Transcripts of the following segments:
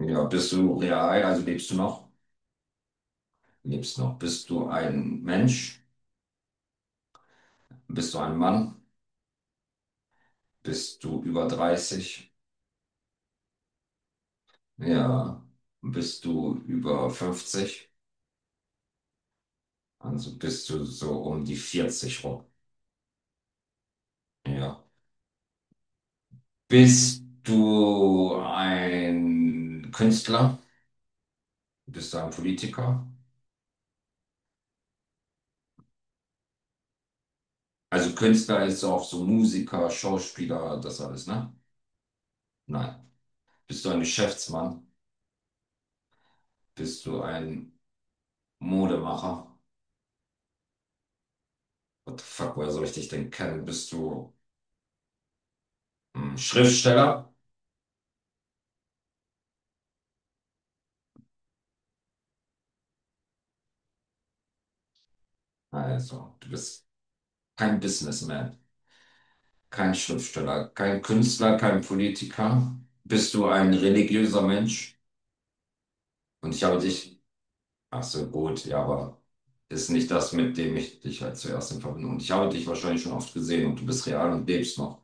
Ja, bist du real, also lebst du noch? Lebst noch. Bist du ein Mensch? Bist du ein Mann? Bist du über 30? Ja. Bist du über 50? Also bist du so um die 40 rum. Ja. Bist du ein Künstler? Bist du ein Politiker? Also Künstler ist auch so Musiker, Schauspieler, das alles, ne? Nein. Bist du ein Geschäftsmann? Bist du ein Modemacher? What the fuck, woher soll ich dich denn kennen? Bist du ein Schriftsteller? Also, du bist kein Businessman, kein Schriftsteller, kein Künstler, kein Politiker. Bist du ein religiöser Mensch? Und ich habe dich, ach so, gut, ja, aber ist nicht das, mit dem ich dich halt zuerst in Verbindung. Und ich habe dich wahrscheinlich schon oft gesehen und du bist real und lebst noch.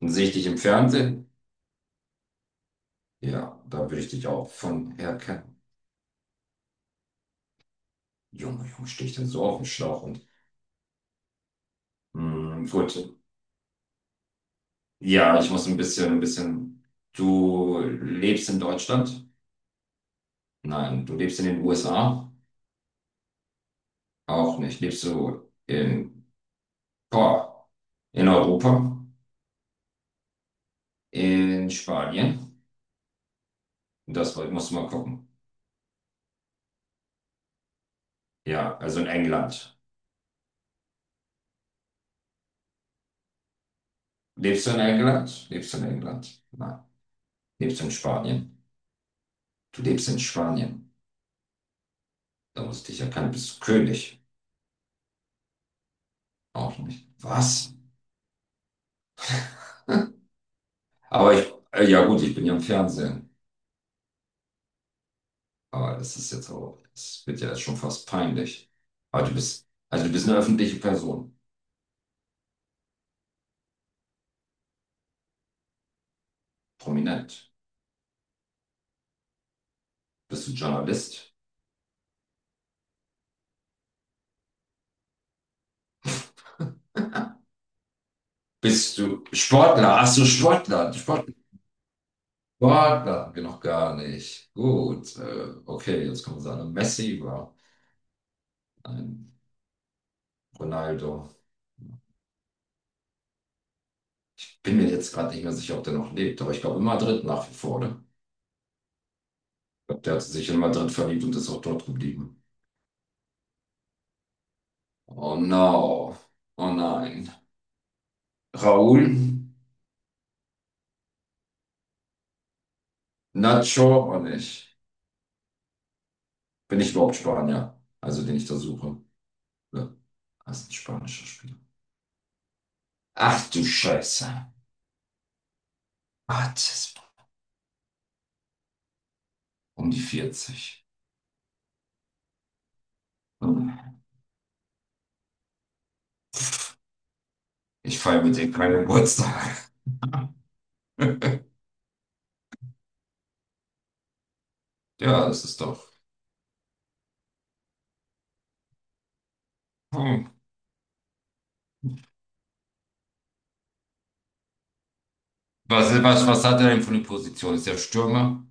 Und sehe ich dich im Fernsehen? Ja, da würde ich dich auch von her kennen. Junge, Junge, stehe ich denn so auf dem Schlauch? Und mh, gut, ja, ich muss ein bisschen. Du lebst in Deutschland? Nein, du lebst in den USA? Auch nicht. Lebst du in, boah, in Europa? In Spanien? Das musst du mal gucken. Ja, also in England. Lebst du in England? Nein. Lebst du in Spanien? Du lebst in Spanien. Da musste ich ja kein, bist du König? Auch nicht. Was? Aber ich, ja gut, ich bin ja im Fernsehen. Aber das ist jetzt auch, es wird ja schon fast peinlich. Aber du bist eine öffentliche Person, prominent. Bist du Journalist? Bist du Sportler? Ach so, Sportler hatten wir noch gar nicht. Gut, okay, jetzt kommen wir sagen, Messi war ein Ronaldo. Ich bin mir jetzt gerade nicht mehr sicher, ob der noch lebt, aber ich glaube in Madrid nach wie vor, oder? Ich glaube, der hat sich in Madrid verliebt und ist auch dort geblieben. Oh no, oh nein. Raúl, Nacho auch nicht. Bin ich überhaupt Spanier? Also den ich da suche. Ja. Das ist ein spanischer Spieler. Ach du Scheiße. Ach, das ist um die 40. Hm. Ich feiere mit dem keinen Geburtstag. Ja, das ist doch. Hm. Was hat er denn für eine Position? Ist er Stürmer?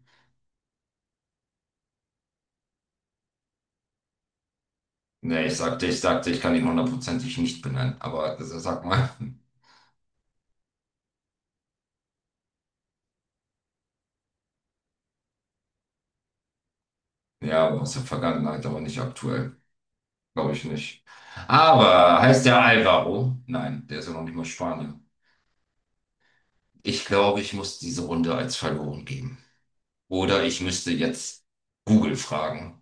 Nee, ich sagte, ich kann ihn hundertprozentig nicht benennen. Aber also, sag mal. Ja, aus der Vergangenheit, aber nicht aktuell. Glaube ich nicht. Aber heißt der Alvaro? Nein, der ist ja noch nicht mal Spanier. Ich glaube, ich muss diese Runde als verloren geben. Oder ich müsste jetzt Google fragen.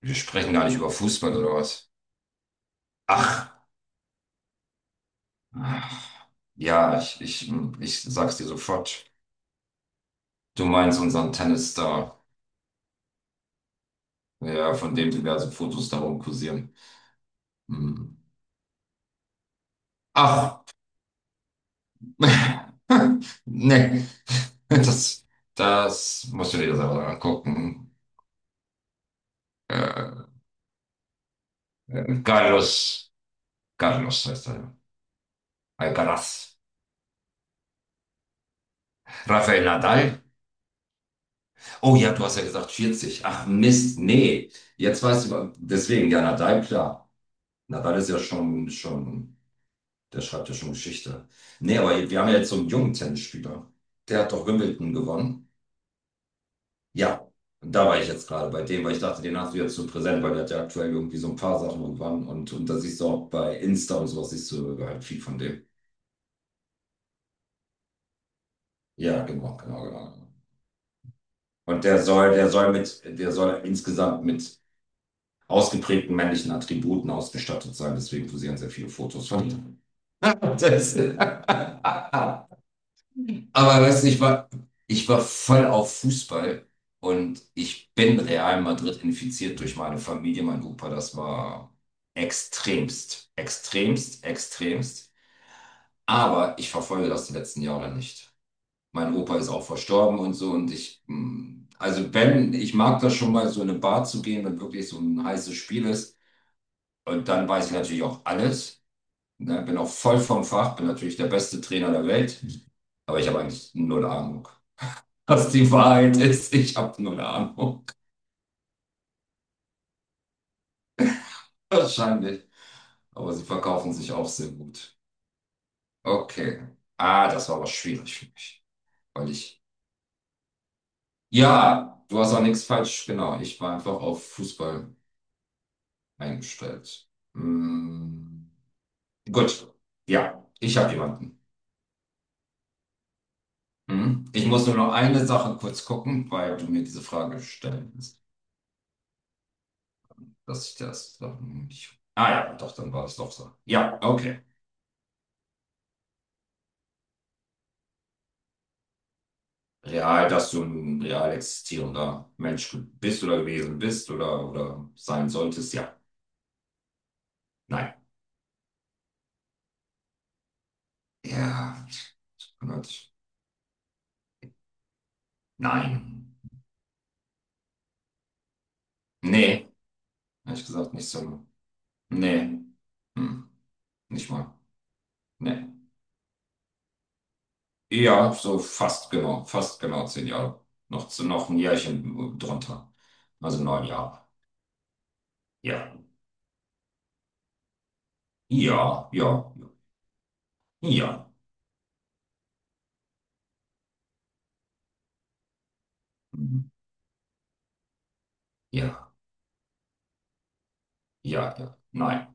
Wir sprechen gar nicht über Fußball oder was? Ach, ach, ja, ich sag's dir sofort. Du meinst unseren Tennisstar, ja, von dem diverse Fotos darum kursieren. Hm. Ach, nee, das, das musst du dir selber angucken. Äh, Carlos, Carlos heißt er. Alcaraz. Rafael Nadal. Oh ja, du hast ja gesagt 40. Ach Mist, nee. Jetzt weißt du, deswegen, ja, Nadal, klar. Nadal ist ja schon, der schreibt ja schon Geschichte. Nee, aber wir haben ja jetzt so einen jungen Tennisspieler. Der hat doch Wimbledon gewonnen. Ja, da war ich jetzt gerade bei dem, weil ich dachte, den hast du jetzt so präsent, weil der hat ja aktuell irgendwie so ein paar Sachen und wann und da siehst du auch bei Insta und sowas, siehst du halt viel von dem. Ja, genau, genau, genau, genau. Und der soll insgesamt mit ausgeprägten männlichen Attributen ausgestattet sein. Deswegen posieren sehr viele Fotos von ihm. Das, aber weißt du, ich war voll auf Fußball und ich bin Real Madrid infiziert durch meine Familie, mein Opa. Das war extremst, extremst, extremst. Aber ich verfolge das die letzten Jahre nicht. Mein Opa ist auch verstorben und so und ich, also wenn, ich mag das schon mal so in eine Bar zu gehen, wenn wirklich so ein heißes Spiel ist. Und dann weiß ich natürlich auch alles. Ne? Bin auch voll vom Fach, bin natürlich der beste Trainer der Welt. Aber ich habe eigentlich null Ahnung, was die Wahrheit ist. Ich habe null Ahnung. Wahrscheinlich. Aber sie verkaufen sich auch sehr gut. Okay. Ah, das war aber schwierig für mich. Weil ich. Ja, du hast auch nichts falsch. Genau. Ich war einfach auf Fußball eingestellt. Mm, gut. Ja, ich habe jemanden. Mhm. Ich muss nur noch eine Sache kurz gucken, weil du mir diese Frage stellen willst, dass ich das doch nicht. Ah ja, doch, dann war es doch so. Ja, okay. Real, dass du ein real existierender Mensch bist oder gewesen bist oder sein solltest, ja. Nein. Ja, Gott. Nein. Nee, ehrlich gesagt nicht so. Nee. Hm. Nicht mal. Nee. Ja, so fast genau 10 Jahre. Noch, noch ein Jährchen drunter. Also 9 Jahre. Ja, ja, ja, ja, mhm. Ja, ja, ja, nein,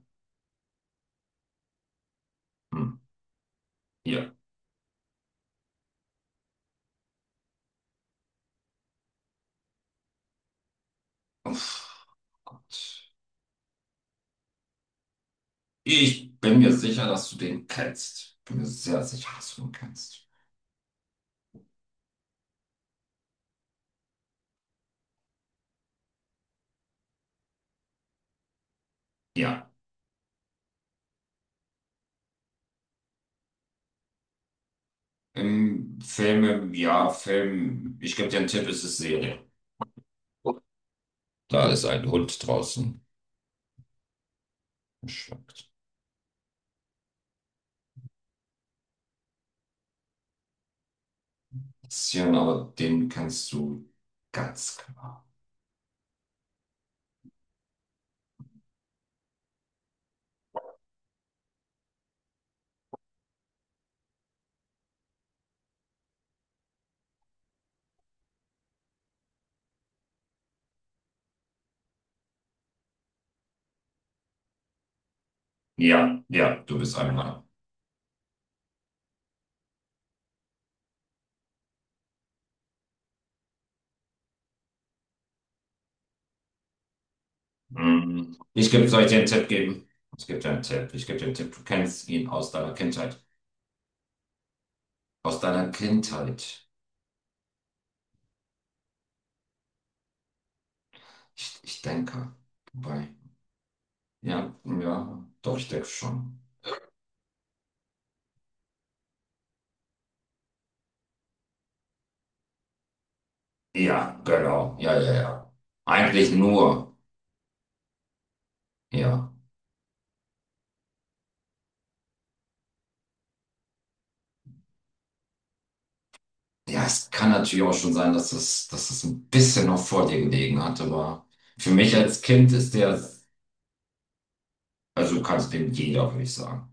hm, ja. Uff, Gott. Ich bin mir sicher, dass du den kennst. Bin mir sehr sicher, dass du den kennst. Ja, im Film, ja, Film, ich gebe dir einen Tipp, es ist Serie. Oh, da ist ein Hund draußen. Schmeckt. Bisschen, aber den kennst du ganz klar. Ja, ja, du bist einmal. Hm. Ich gebe, soll ich dir einen Tipp geben? Ich gebe dir einen Tipp. Ich gebe dir einen Tipp. Du kennst ihn aus deiner Kindheit. Aus deiner Kindheit. Ich denke. Wobei. Ja, ja, doch, ich denke schon. Ja, genau. Ja, ja, ja. Eigentlich nur. Ja. Ja, es kann natürlich auch schon sein, dass es ein bisschen noch vor dir gelegen hat, aber für mich als Kind ist der, also kannst du dem jeder, würde ich sagen.